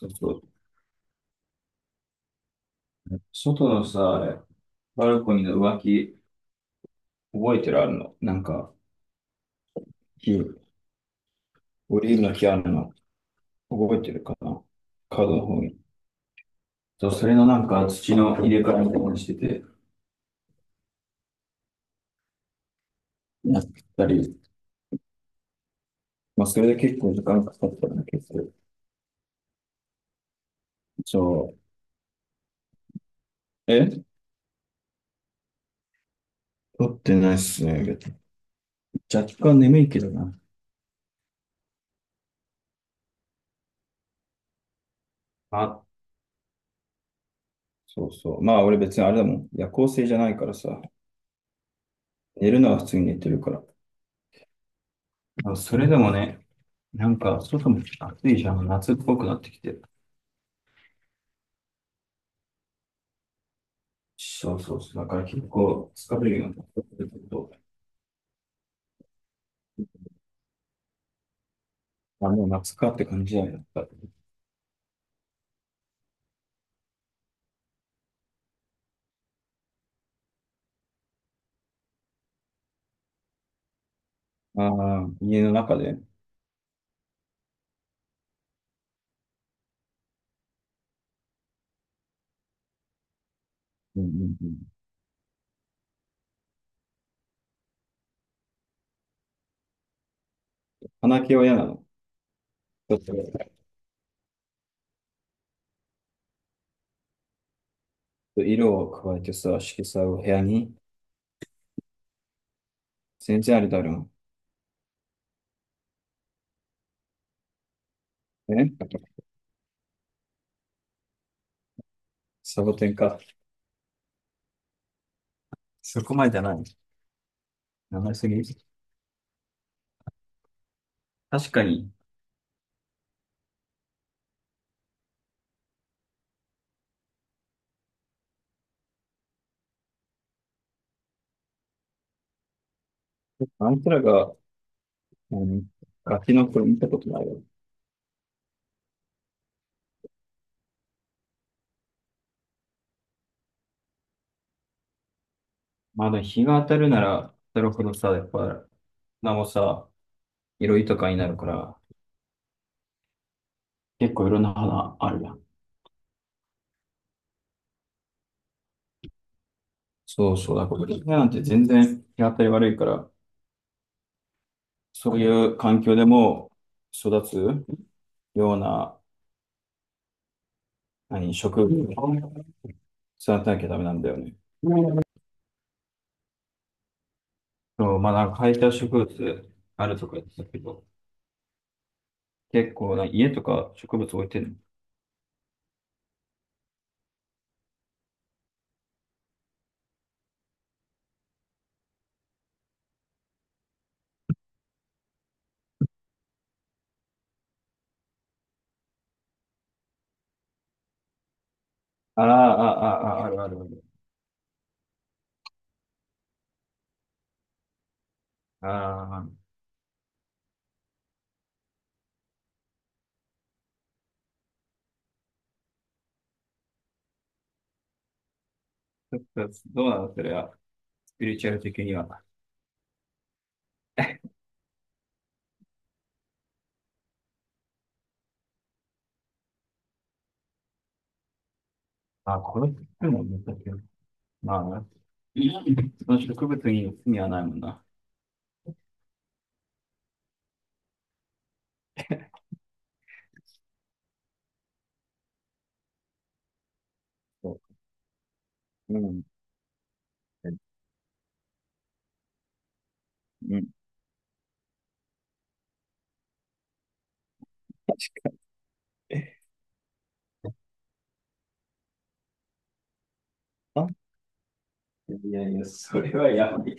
そうそう。ね、外のさ、バルコニーの浮気、覚えてるあるのなんか、木、オリーブの木あるの、覚えてるかな、カードの方に。そう、それのなんか土の入れ替えみたいにしてて、やったり、まあ、それで結構時間かかったんだけど、そう。撮ってないっすね。若干眠いけどな。あ、そうそう。まあ、俺別にあれだもん。夜行性じゃないからさ、寝るのは普通に寝てるから。あ、それでもね、なんか外も暑いじゃん、夏っぽくなってきて。そうそうそう、だから結構疲れるようになってくると、あ、もう夏かって感じだよね。ああ、家の中で。うんうんうん。花毛は嫌なの。ちょっと色を加えてさ、色彩を部屋に。全然あれだろう。サボテンか。そこまでじゃない。名前すぎ。確かに、あんたらが、あのガキの頃見たことないよ。まだ日が当たるなら当たるほどさ、やっぱ、花もさ、色豊かになるから、結構いろんな花あるやん。そうそう、だから今なんて全然日当たり悪いから、そういう環境でも育つような、何、植物を育てなきゃダメなんだよね。そう、まあなんか生えた植物あるとか言ってたけど、結構な家とか植物置いてるの。あらあ、ああ、ああ、あるあるある。ああ、ちょっとどうなのそれは、スピリチュアル的には。あ、これめくの難しい。まあな、その植物に罪はないもんな。そう。うん。うん。確かに。いやいや、それはやばい。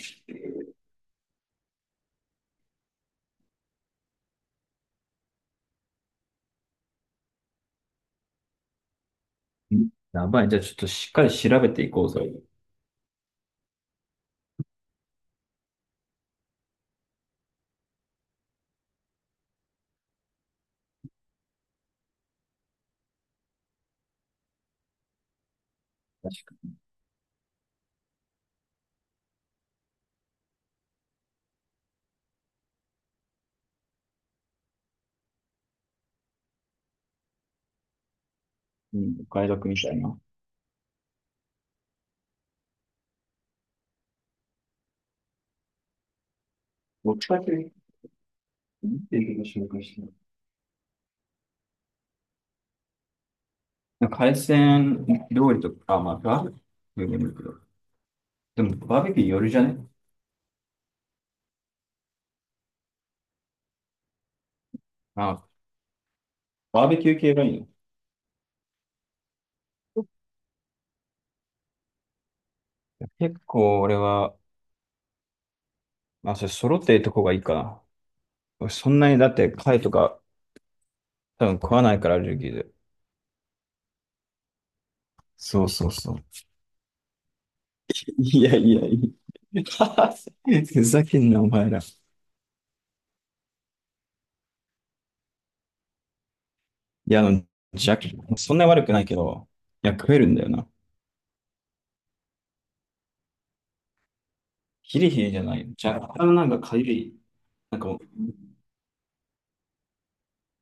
うん、やばい。じゃあちょっとしっかり調べていこうぜ。確かに、お買い得みたいな。僕だけ言ってるこ紹介してない。なんか海鮮料理とか、あ、まあ、バーベキューでもいいけど。でも、バーベキューよるじゃね。あ、バーベキュー系がいいの。結構俺は、まあ、それ揃ってるとこがいいかな。俺そんなにだって貝とか多分食わないからアレルギーで。そうそうそう。いやいやいや。ふざけんな、お前ら。いや、じゃ、そんなに悪くないけど、いや、食えるんだよな。ヒリヒリじゃない。若干なんかかゆい。なんかもう、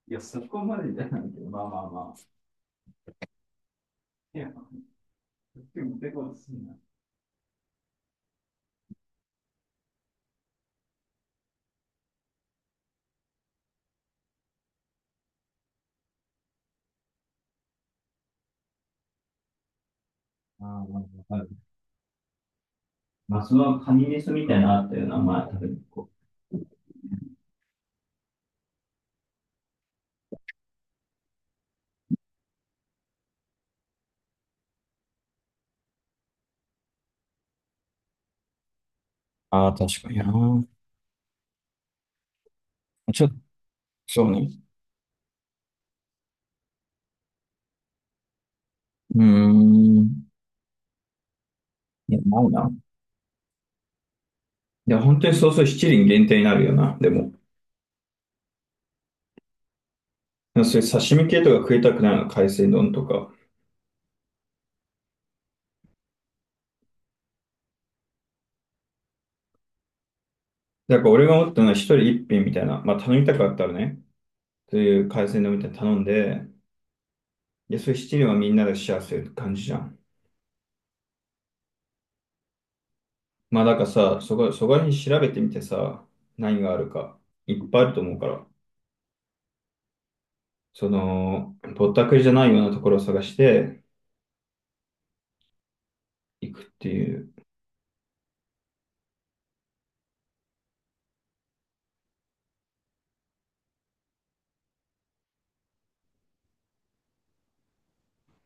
いや、そこまでじゃないけど、まあまあまあ。いや、でも、でも、すんな。まあまあ、まあ、わかる。まあ、そのカニメスみたいなのあったよな、まあ、ああ、確かにな。ちょっと、そうね。うーん。いや、ないな。いや、本当にそうそう、七輪限定になるよな、でも。そういう刺身系とか食いたくないの、海鮮丼とか。だから俺が思ったのは一人一品みたいな、まあ頼みたかったらね、そういう海鮮丼みたいなの頼んで、いや、そういう七輪はみんなでシェアする感じじゃん。まあだからさ、そこ、そこら辺調べてみてさ、何があるか、いっぱいあると思うから、その、ぼったくりじゃないようなところを探していくっていう。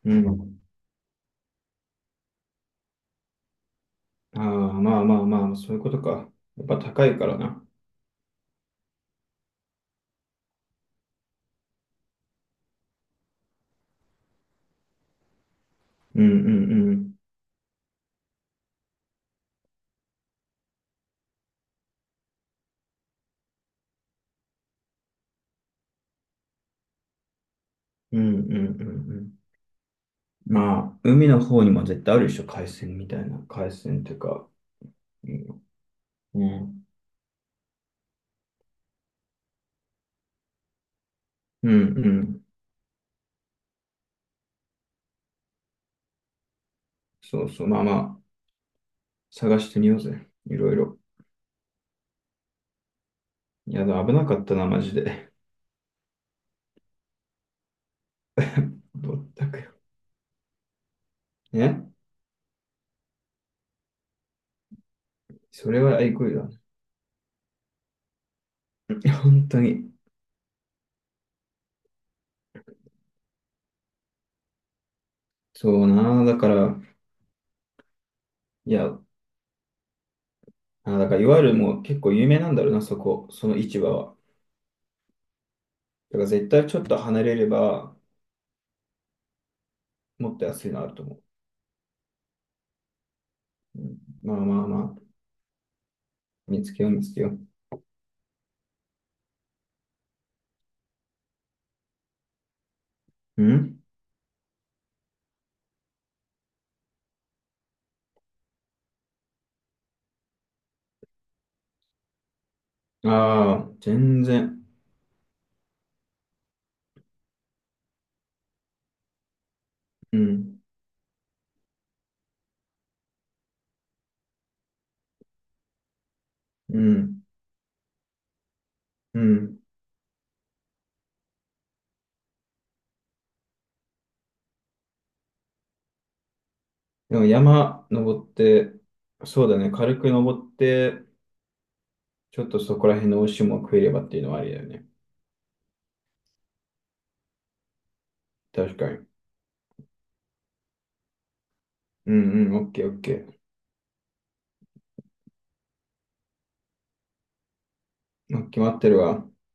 うん。ああ、まあまあまあ、そういうことか。やっぱ高いからな。うんうんうん。うんうんうんうん。まあ、海の方にも絶対あるでしょ、海鮮みたいな。海鮮っていうか、うん。うん、うん。そうそう。まあまあ、探してみようぜ。いろいろ。いや、でも危なかったな、マジで。ぼったく。ね。それは愛国だ。いや、本当に。そうな。だから、いや、あ、だから、いわゆるもう結構有名なんだろうな、そこ。その市場は。だから絶対ちょっと離れれば、もっと安いのあると思う。うん、まあまあまあ、見つけよう、見つけよう。うん、ああ、全然。うん、うん、うん。でも山登って、そうだね、軽く登って、ちょっとそこら辺の美味しいもの食えればっていうのはありだよね。確かに。うんうん、オッケーオッケー。決まってるわ。